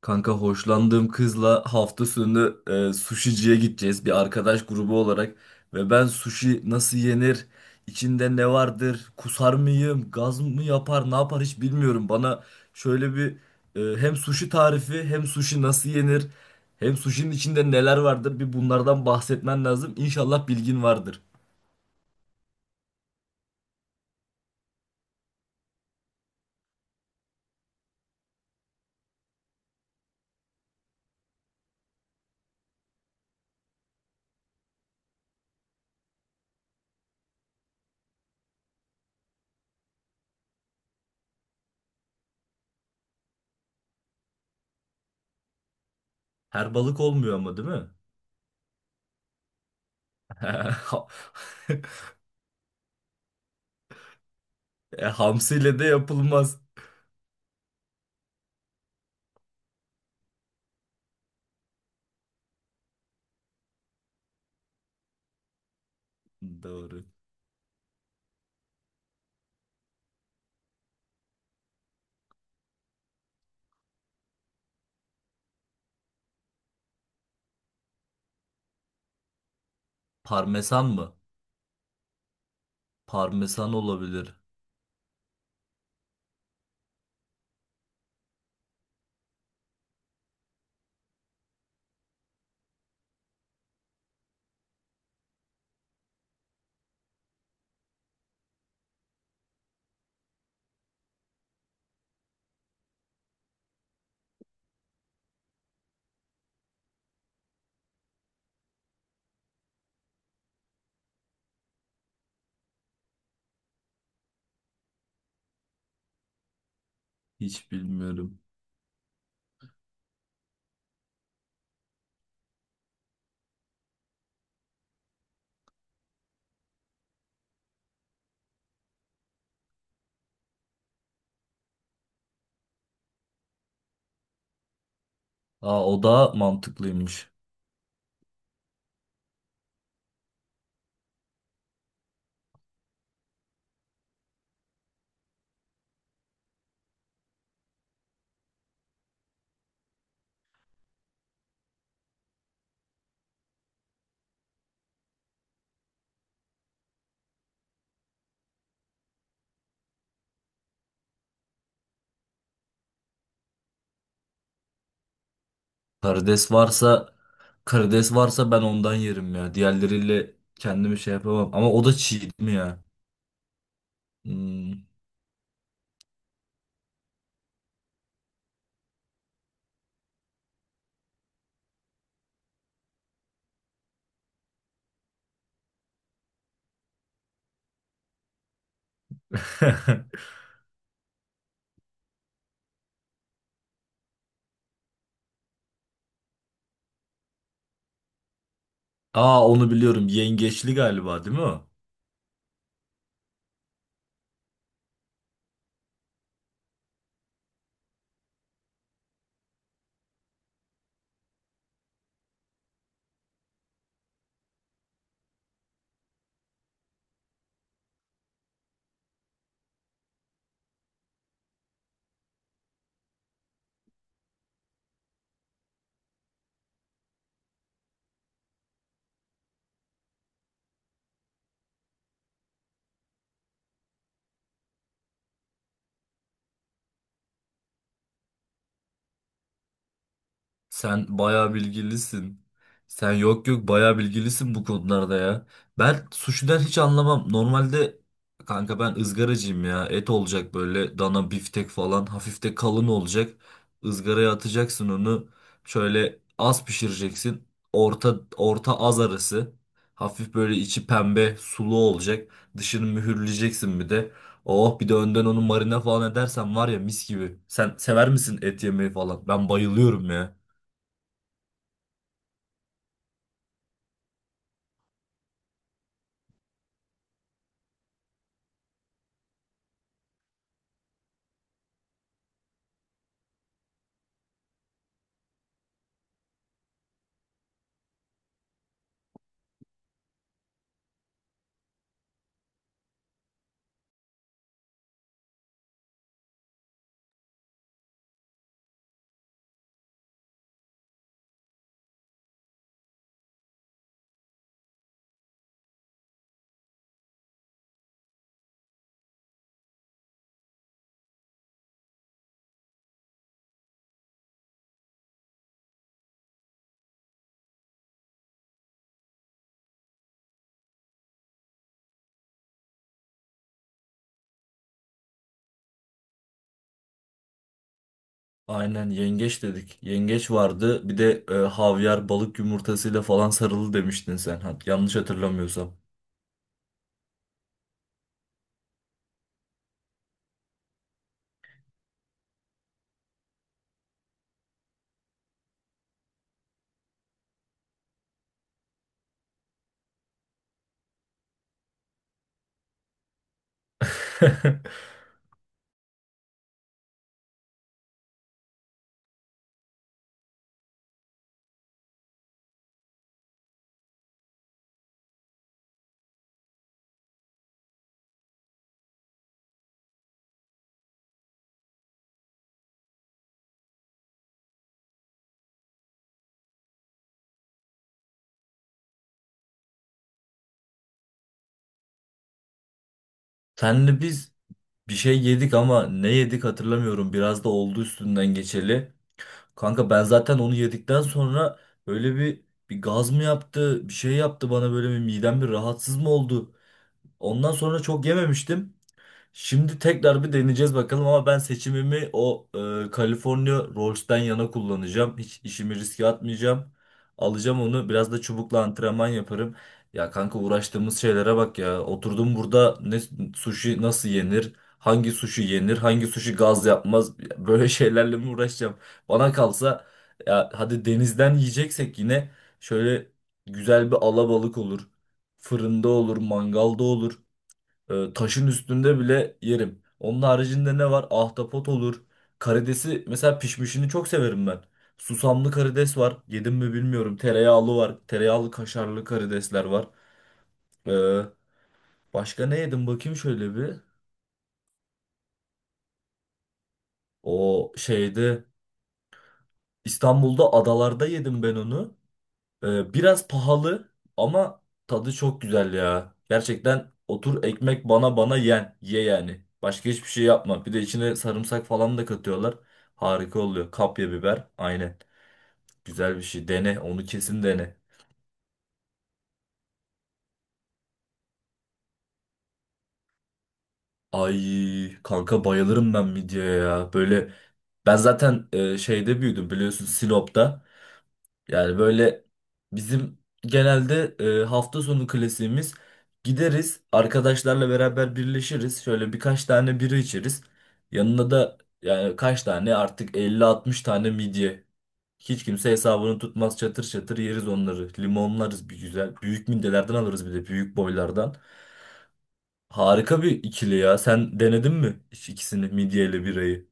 Kanka hoşlandığım kızla hafta sonu sushi'ciye gideceğiz bir arkadaş grubu olarak ve ben sushi nasıl yenir, içinde ne vardır, kusar mıyım, gaz mı yapar, ne yapar hiç bilmiyorum. Bana şöyle bir hem sushi tarifi, hem sushi nasıl yenir, hem sushi'nin içinde neler vardır bir bunlardan bahsetmen lazım. İnşallah bilgin vardır. Her balık olmuyor ama değil mi? E, hamsiyle de yapılmaz. Doğru. Parmesan mı? Parmesan olabilir. Hiç bilmiyorum. Aa, o da mantıklıymış. Karides varsa karides varsa ben ondan yerim ya. Diğerleriyle kendimi şey yapamam. Ama o da çiğ değil mi ya? Hmm. Aa, onu biliyorum. Yengeçli galiba değil mi o? Sen bayağı bilgilisin. Sen yok yok bayağı bilgilisin bu konularda ya. Ben suşiden hiç anlamam. Normalde kanka ben ızgaracıyım ya. Et olacak böyle dana biftek falan hafif de kalın olacak. Izgaraya atacaksın onu. Şöyle az pişireceksin. Orta orta az arası. Hafif böyle içi pembe sulu olacak. Dışını mühürleyeceksin bir de. Oh, bir de önden onu marine falan edersen var ya mis gibi. Sen sever misin et yemeyi falan? Ben bayılıyorum ya. Aynen yengeç dedik. Yengeç vardı. Bir de havyar balık yumurtasıyla falan sarılı demiştin sen. Ha, yanlış hatırlamıyorsam. Senle biz bir şey yedik ama ne yedik hatırlamıyorum. Biraz da oldu üstünden geçeli. Kanka ben zaten onu yedikten sonra böyle bir gaz mı yaptı, bir şey yaptı bana, böyle bir midem bir rahatsız mı oldu? Ondan sonra çok yememiştim. Şimdi tekrar bir deneyeceğiz bakalım ama ben seçimimi o California Rolls'ten yana kullanacağım. Hiç işimi riske atmayacağım. Alacağım onu. Biraz da çubukla antrenman yaparım. Ya kanka, uğraştığımız şeylere bak ya. Oturdum burada, ne sushi nasıl yenir? Hangi sushi yenir? Hangi sushi gaz yapmaz? Böyle şeylerle mi uğraşacağım? Bana kalsa ya, hadi denizden yiyeceksek yine şöyle güzel bir alabalık olur. Fırında olur, mangalda olur. Taşın üstünde bile yerim. Onun haricinde ne var? Ahtapot olur. Karidesi mesela pişmişini çok severim ben. Susamlı karides var. Yedim mi bilmiyorum. Tereyağlı var. Tereyağlı kaşarlı karidesler var. Ee, Başka ne yedim bakayım şöyle bir. O şeyde, İstanbul'da adalarda yedim ben onu. Biraz pahalı ama tadı çok güzel ya. Gerçekten otur, ekmek bana yen. Ye yani. Başka hiçbir şey yapma. Bir de içine sarımsak falan da katıyorlar. Harika oluyor. Kapya biber. Aynen. Güzel bir şey. Dene. Onu kesin dene. Ay kanka, bayılırım ben midyeye ya. Böyle ben zaten şeyde büyüdüm biliyorsun, Sinop'ta. Yani böyle bizim genelde hafta sonu klasiğimiz, gideriz arkadaşlarla beraber birleşiriz. Şöyle birkaç tane bira içeriz. Yanına da yani kaç tane artık, 50-60 tane midye. Hiç kimse hesabını tutmaz, çatır çatır yeriz onları. Limonlarız bir güzel. Büyük midyelerden alırız, bir de büyük boylardan. Harika bir ikili ya. Sen denedin mi hiç ikisini, midye ile birayı?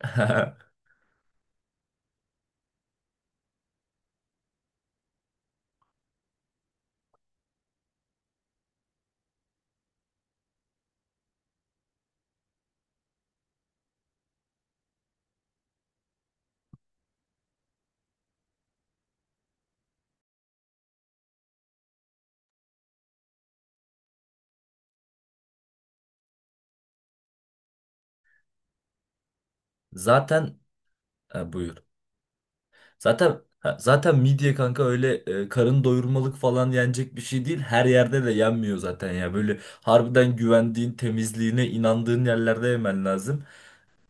Zaten ha, buyur. Zaten ha, zaten midye kanka öyle karın doyurmalık falan yenecek bir şey değil. Her yerde de yenmiyor zaten ya. Böyle harbiden güvendiğin, temizliğine inandığın yerlerde yemen lazım.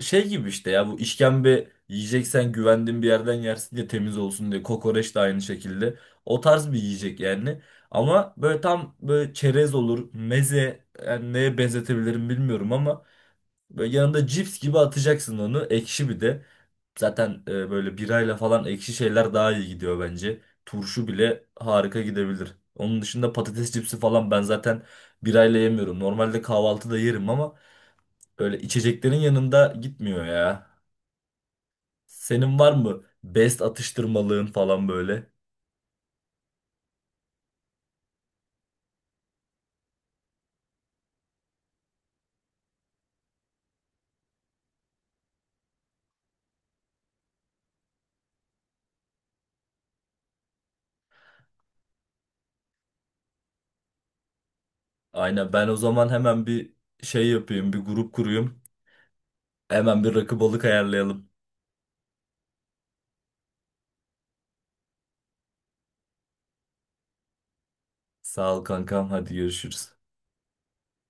Şey gibi işte ya, bu işkembe yiyeceksen güvendiğin bir yerden yersin diye, temiz olsun diye. Kokoreç de aynı şekilde. O tarz bir yiyecek yani. Ama böyle tam böyle çerez olur, meze, yani neye benzetebilirim bilmiyorum ama böyle yanında cips gibi atacaksın onu. Ekşi bir de. Zaten böyle birayla falan ekşi şeyler daha iyi gidiyor bence. Turşu bile harika gidebilir. Onun dışında patates cipsi falan ben zaten birayla yemiyorum. Normalde kahvaltıda yerim ama böyle içeceklerin yanında gitmiyor ya. Senin var mı best atıştırmalığın falan böyle? Aynen, ben o zaman hemen bir şey yapayım, bir grup kurayım. Hemen bir rakı balık ayarlayalım. Sağ ol kankam, hadi görüşürüz.